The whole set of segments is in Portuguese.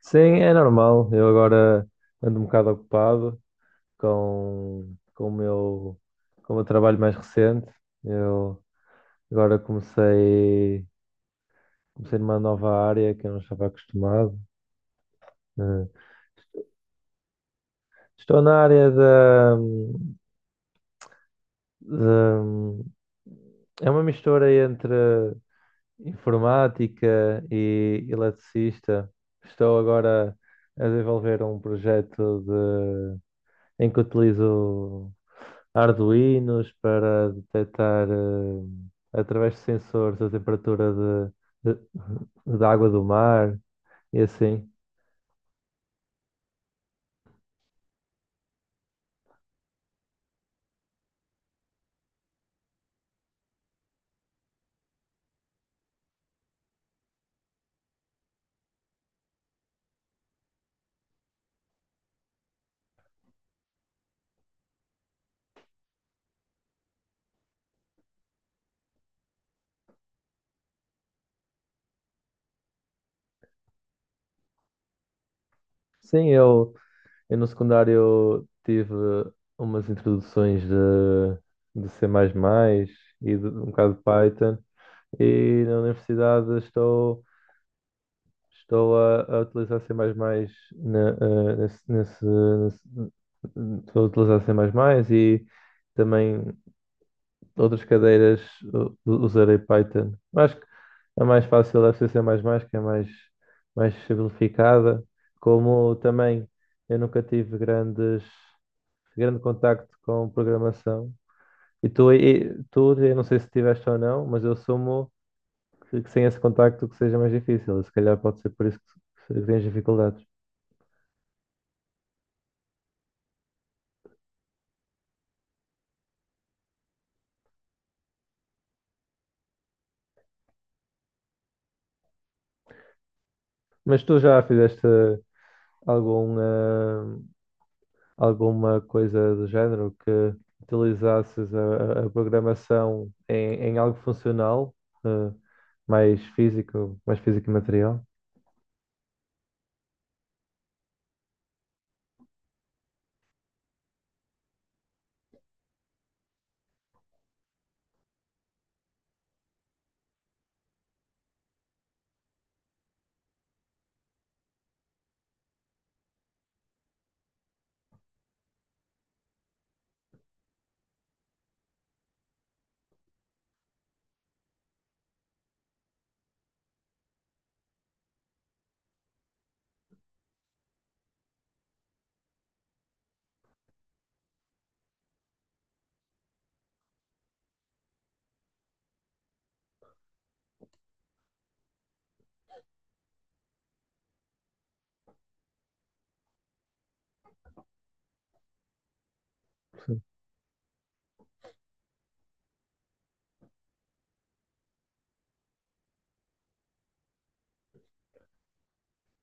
Sim, é normal. Eu agora ando um bocado ocupado com o meu, com o meu trabalho mais recente. Eu agora comecei numa nova área que eu não estava acostumado. Eh, Estou na área da- É uma mistura entre informática e eletricista. Estou agora a desenvolver um projeto em que utilizo Arduinos para detectar, através de sensores, a temperatura de, de- da água do mar e assim. Sim, eu no secundário tive umas introduções de C++ e de, um bocado de Python e na universidade estou a utilizar C++ na, eh, nesse, nesse, nesse- estou a utilizar C++ e também outras cadeiras usarei Python. Acho que a mais fácil é C++, C mais mais, que é mais, mais simplificada. Como também eu nunca tive grande contacto com programação. E tu, eu não sei se tiveste ou não, mas eu assumo que sem esse contacto que seja mais difícil. Se calhar pode ser por isso que tens dificuldades. Mas tu já fizeste algum, alguma coisa do género que utilizasses a programação em, em algo funcional, eh, mais físico e material.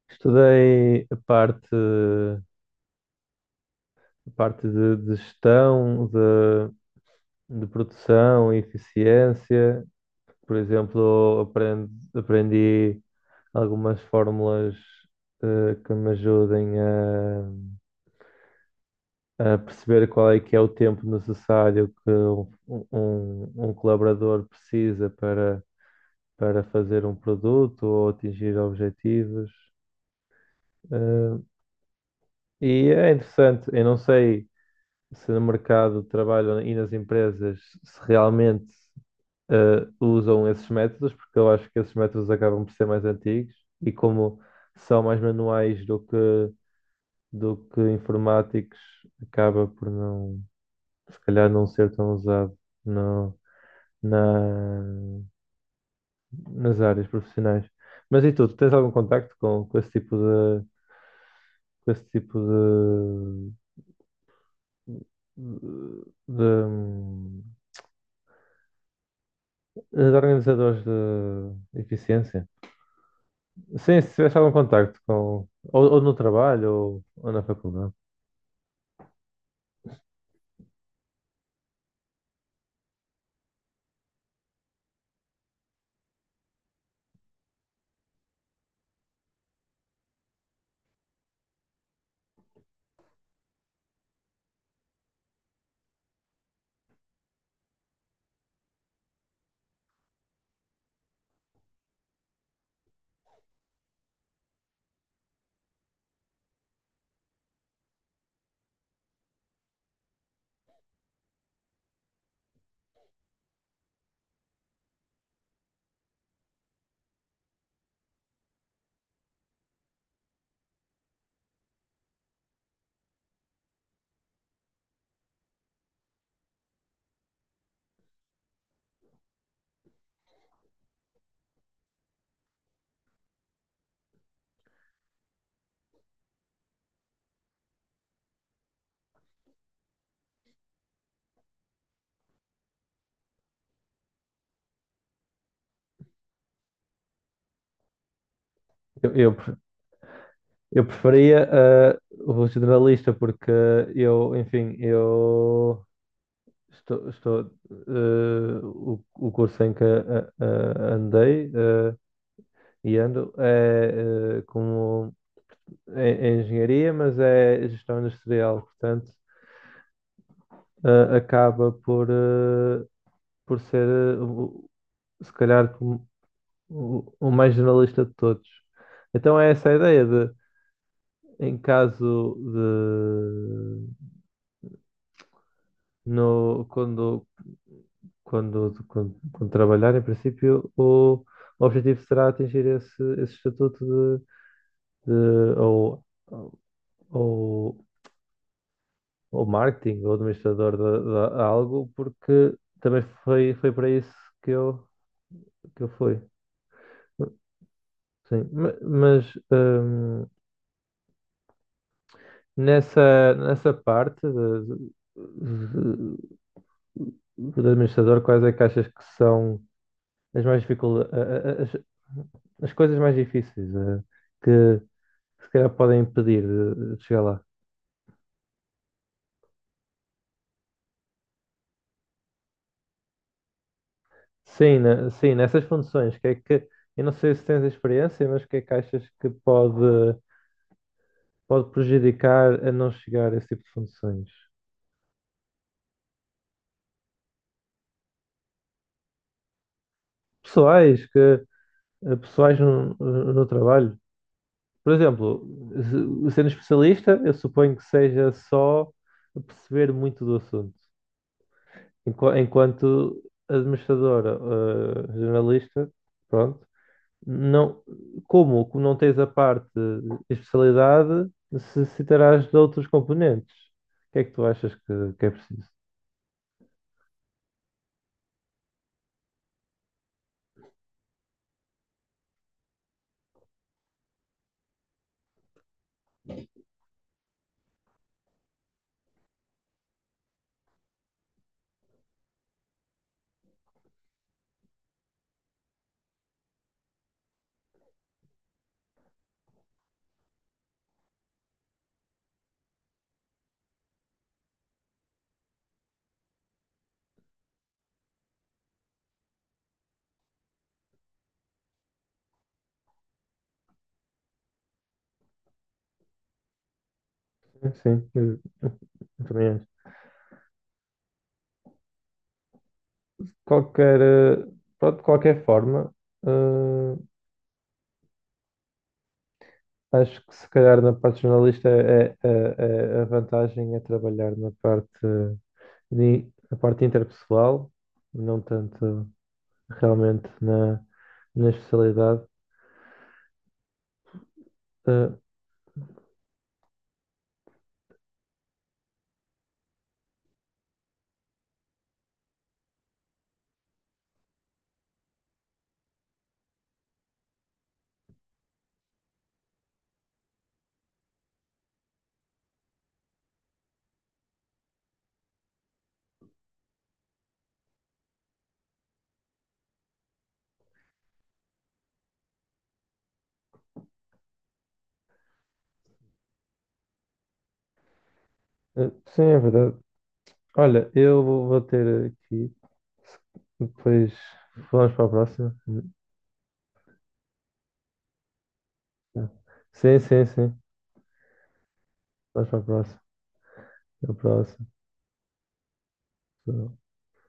Estudei a parte de gestão, de produção e eficiência. Por exemplo, aprendi algumas fórmulas que me ajudem a perceber qual é que é o tempo necessário que um colaborador precisa para fazer um produto ou atingir objetivos. Eh, e é interessante, eu não sei se no mercado de trabalho e nas empresas se realmente usam esses métodos, porque eu acho que esses métodos acabam por ser mais antigos e como são mais manuais do que informáticos, acaba por não, se calhar não ser tão usado. Não, na, nas áreas profissionais. Mas e tu, tu tens algum contacto com esse tipo com esse tipo de, de, de organizadores de eficiência? Sim, se tivesse algum contacto com, ou no trabalho, ou na faculdade. Eu, eu Eu preferia o generalista porque eu, enfim, estou o curso em que andei e ando é como é, é engenharia, mas é gestão industrial, portanto acaba por por ser se calhar como o mais generalista de todos. Então é essa a ideia de em caso. No, Quando, quando trabalhar, em princípio, o objetivo será atingir esse, esse estatuto de ou, ou, ou marketing ou administrador de algo, porque também foi para isso que eu, que eu fui. Sim, mas hum, nessa, nessa parte de administrador, quais é que achas que são as mais as coisas mais difíceis que se calhar podem impedir de chegar lá. Sim, sim, nessas funções, que é que, eu não sei se tens experiência, mas o que é que achas pode prejudicar a não chegar a esse tipo de funções? Pessoais, que, pessoais no trabalho. Por exemplo, sendo especialista, eu suponho que seja só perceber muito do assunto. Enquanto administradora, jornalista, pronto. Não, como? Como não tens a parte de especialidade, necessitarás de outros componentes. O que é que tu achas que é preciso? Sim, eu também acho. Qualquer, pronto, de qualquer forma, eh, acho que se calhar na parte jornalista é a vantagem é trabalhar na parte, na parte interpessoal, não tanto realmente na, na especialidade. Sim, é verdade. Olha, eu vou ter aqui. Depois vamos para a próxima. Sim, sim, sim. Vamos para a próxima. A próxima.